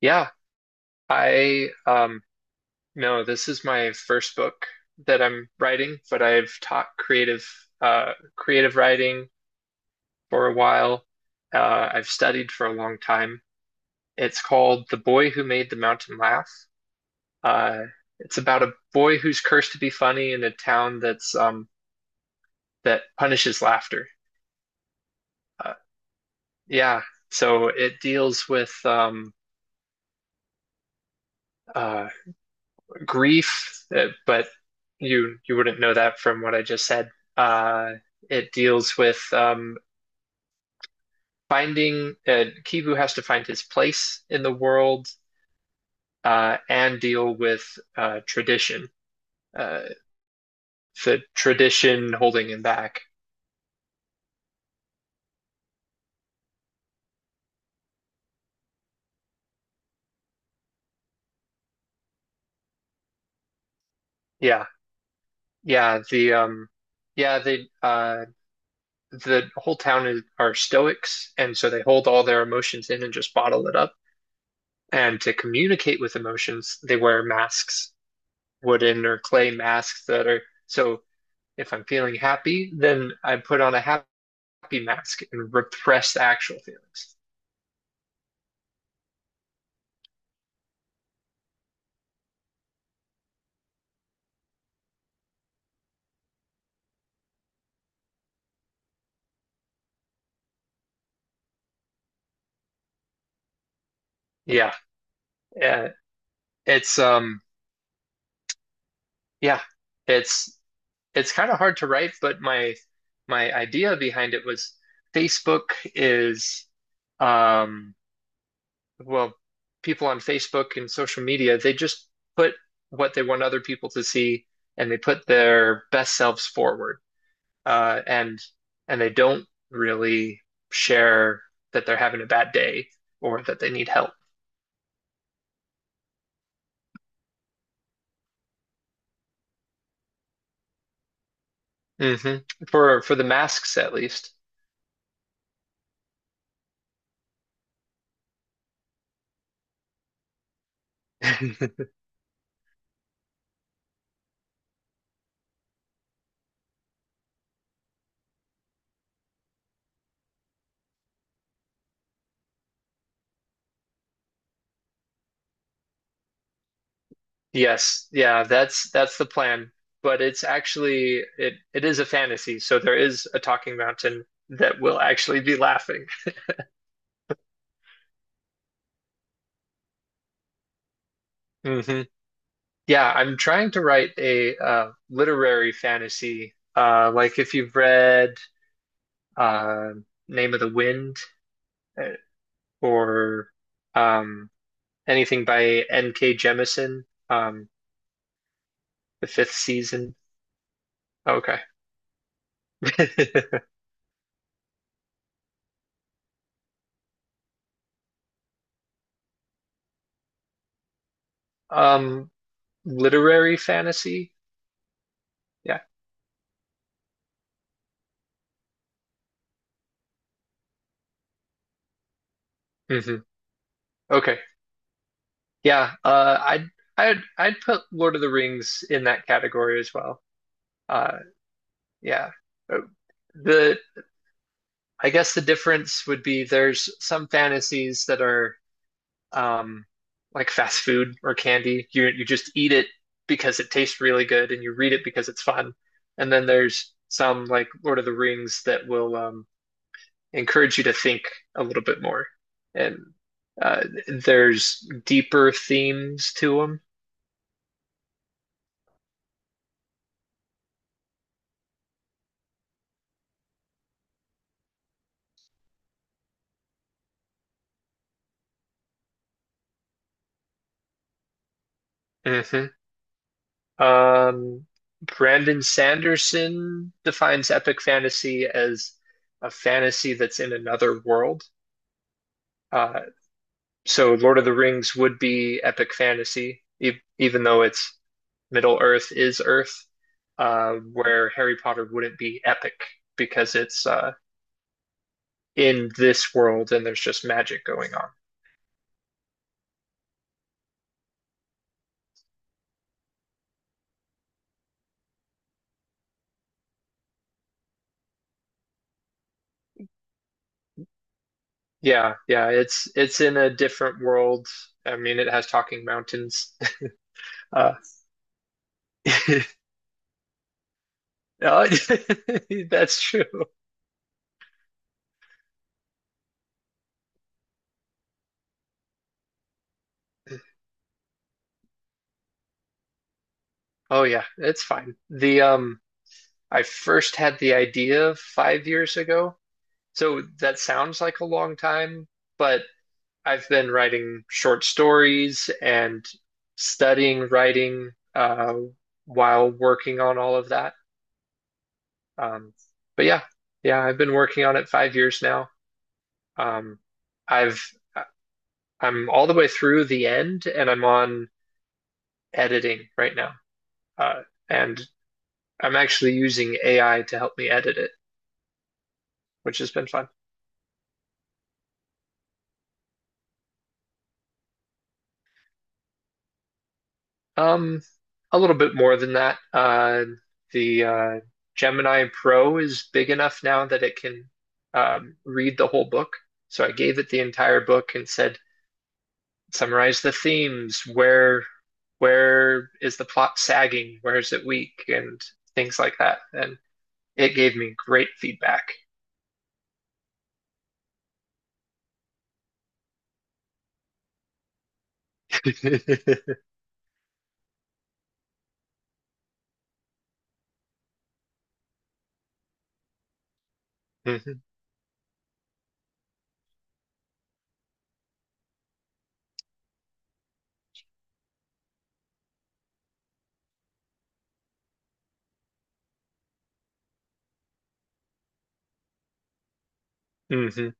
Yeah, I no, this is my first book that I'm writing, but I've taught creative writing for a while. I've studied for a long time. It's called The Boy Who Made the Mountain Laugh. Uh it's about a boy who's cursed to be funny in a town that punishes laughter. Uh, yeah, so it deals with uh grief, but you wouldn't know that from what I just said. Uh, it deals with finding Kivu has to find his place in the world, and deal with uh, tradition, uh, the tradition holding him back. Yeah, yeah. The Yeah, the whole town are Stoics, and so they hold all their emotions in and just bottle it up. And to communicate with emotions, they wear masks, wooden or clay masks. That are So if I'm feeling happy, then I put on a happy mask and repress the actual feelings. Yeah. Uh, it's Yeah, it's it's kind of hard to write, but my idea behind it was Facebook. Is um well, people on Facebook and social media, they just put what they want other people to see, and they put their best selves forward, uh, and and they don't really share that they're having a bad day or that they need help. Hmm. For the masks at least. Yes, yeah, that's the plan. But it's actually, it is a fantasy, so there is a talking mountain that will actually be laughing. Hmm. Yeah, I'm trying to write a literary fantasy, like if you've read uh, Name of the Wind, uh, or um, anything by N.K. Jemisin, um, the fifth season? Oh, okay. Um, Literary fantasy? Yeah. Hmm. Okay. Yeah. I'd put Lord of the Rings in that category as well. Uh, yeah. Uh, The I guess the difference would be there's some fantasies that are um, like fast food or candy. You just eat it because it tastes really good, and you read it because it's fun. And then there's some like Lord of the Rings that will encourage you to think a little bit more. And there's deeper themes to them. Hmm. Um, Brandon Sanderson defines epic fantasy as a fantasy that's in another world. Uh, so Lord of the Rings would be epic fantasy, e even though it's Middle Earth is Earth, where Harry Potter wouldn't be epic because it's in this world and there's just magic going on. Yeah, yeah, it's in a different world. I mean, it has talking mountains. Uh, uh, that's true. Oh yeah, it's fine. The I first had the idea 5 years ago, so that sounds like a long time, but I've been writing short stories and studying writing while working on all of that. Um, but yeah, yeah, I've been working on it 5 years now. Um, I've I'm all the way through the end, and I'm on editing right now. Uh, and I'm actually using AI to help me edit it, which has been fun. Um, a little bit more than that. The Gemini Pro is big enough now that it can read the whole book. So I gave it the entire book and said, summarize the themes. Where is the plot sagging? Where is it weak? And things like that. And it gave me great feedback. Mhm, mhm.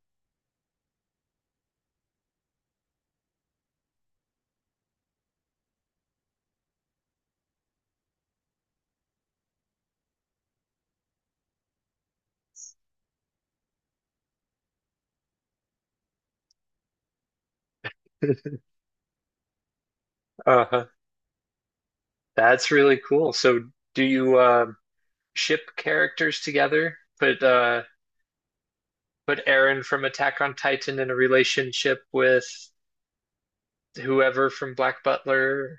Uh-huh. That's really cool. So do you ship characters together? Put Aaron from Attack on Titan in a relationship with whoever from Black Butler.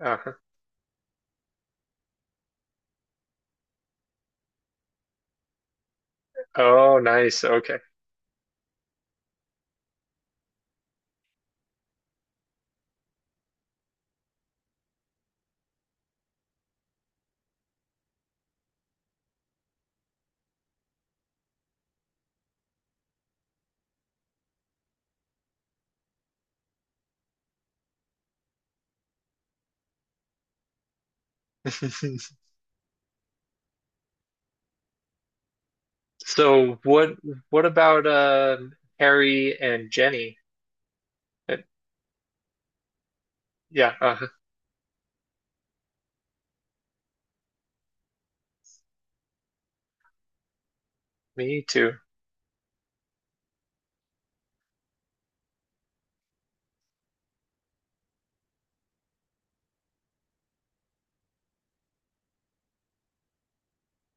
Uh, oh, nice. Okay. So what about Harry and Jenny? Uh, yeah, me too.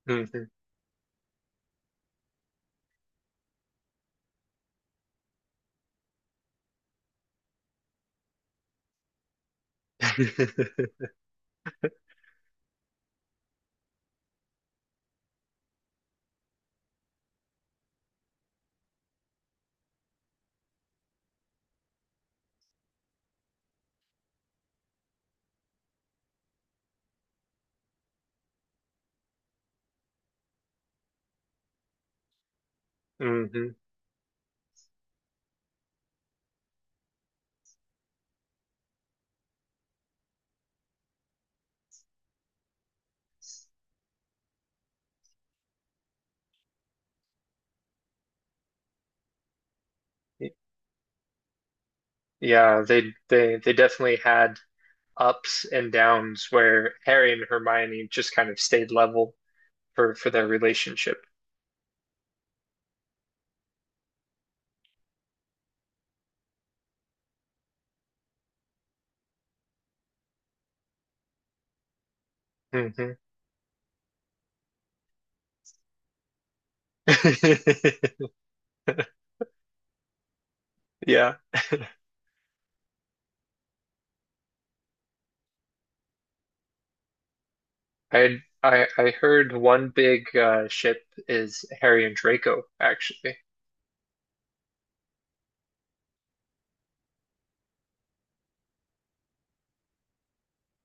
Hmm. Hmm. Yeah, they definitely had ups and downs where Harry and Hermione just kind of stayed level for their relationship. Hmm. Yeah. I heard one big ship is Harry and Draco, actually.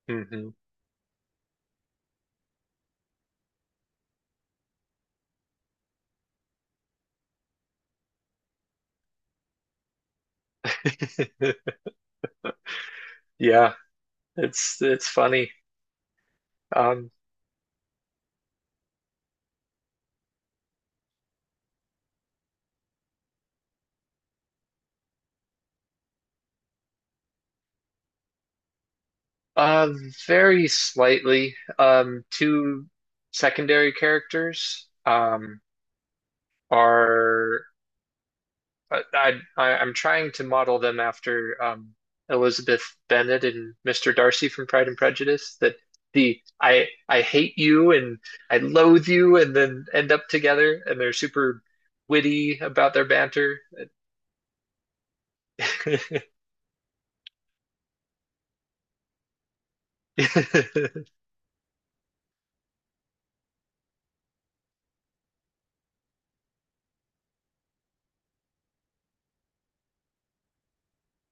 Hmm. Yeah, it's funny. Um, uh, Very slightly. Two secondary characters are I- am trying to model them after Elizabeth Bennet and Mr. Darcy from Pride and Prejudice. That the I hate you and I loathe you, and then end up together, and they're super witty about their banter.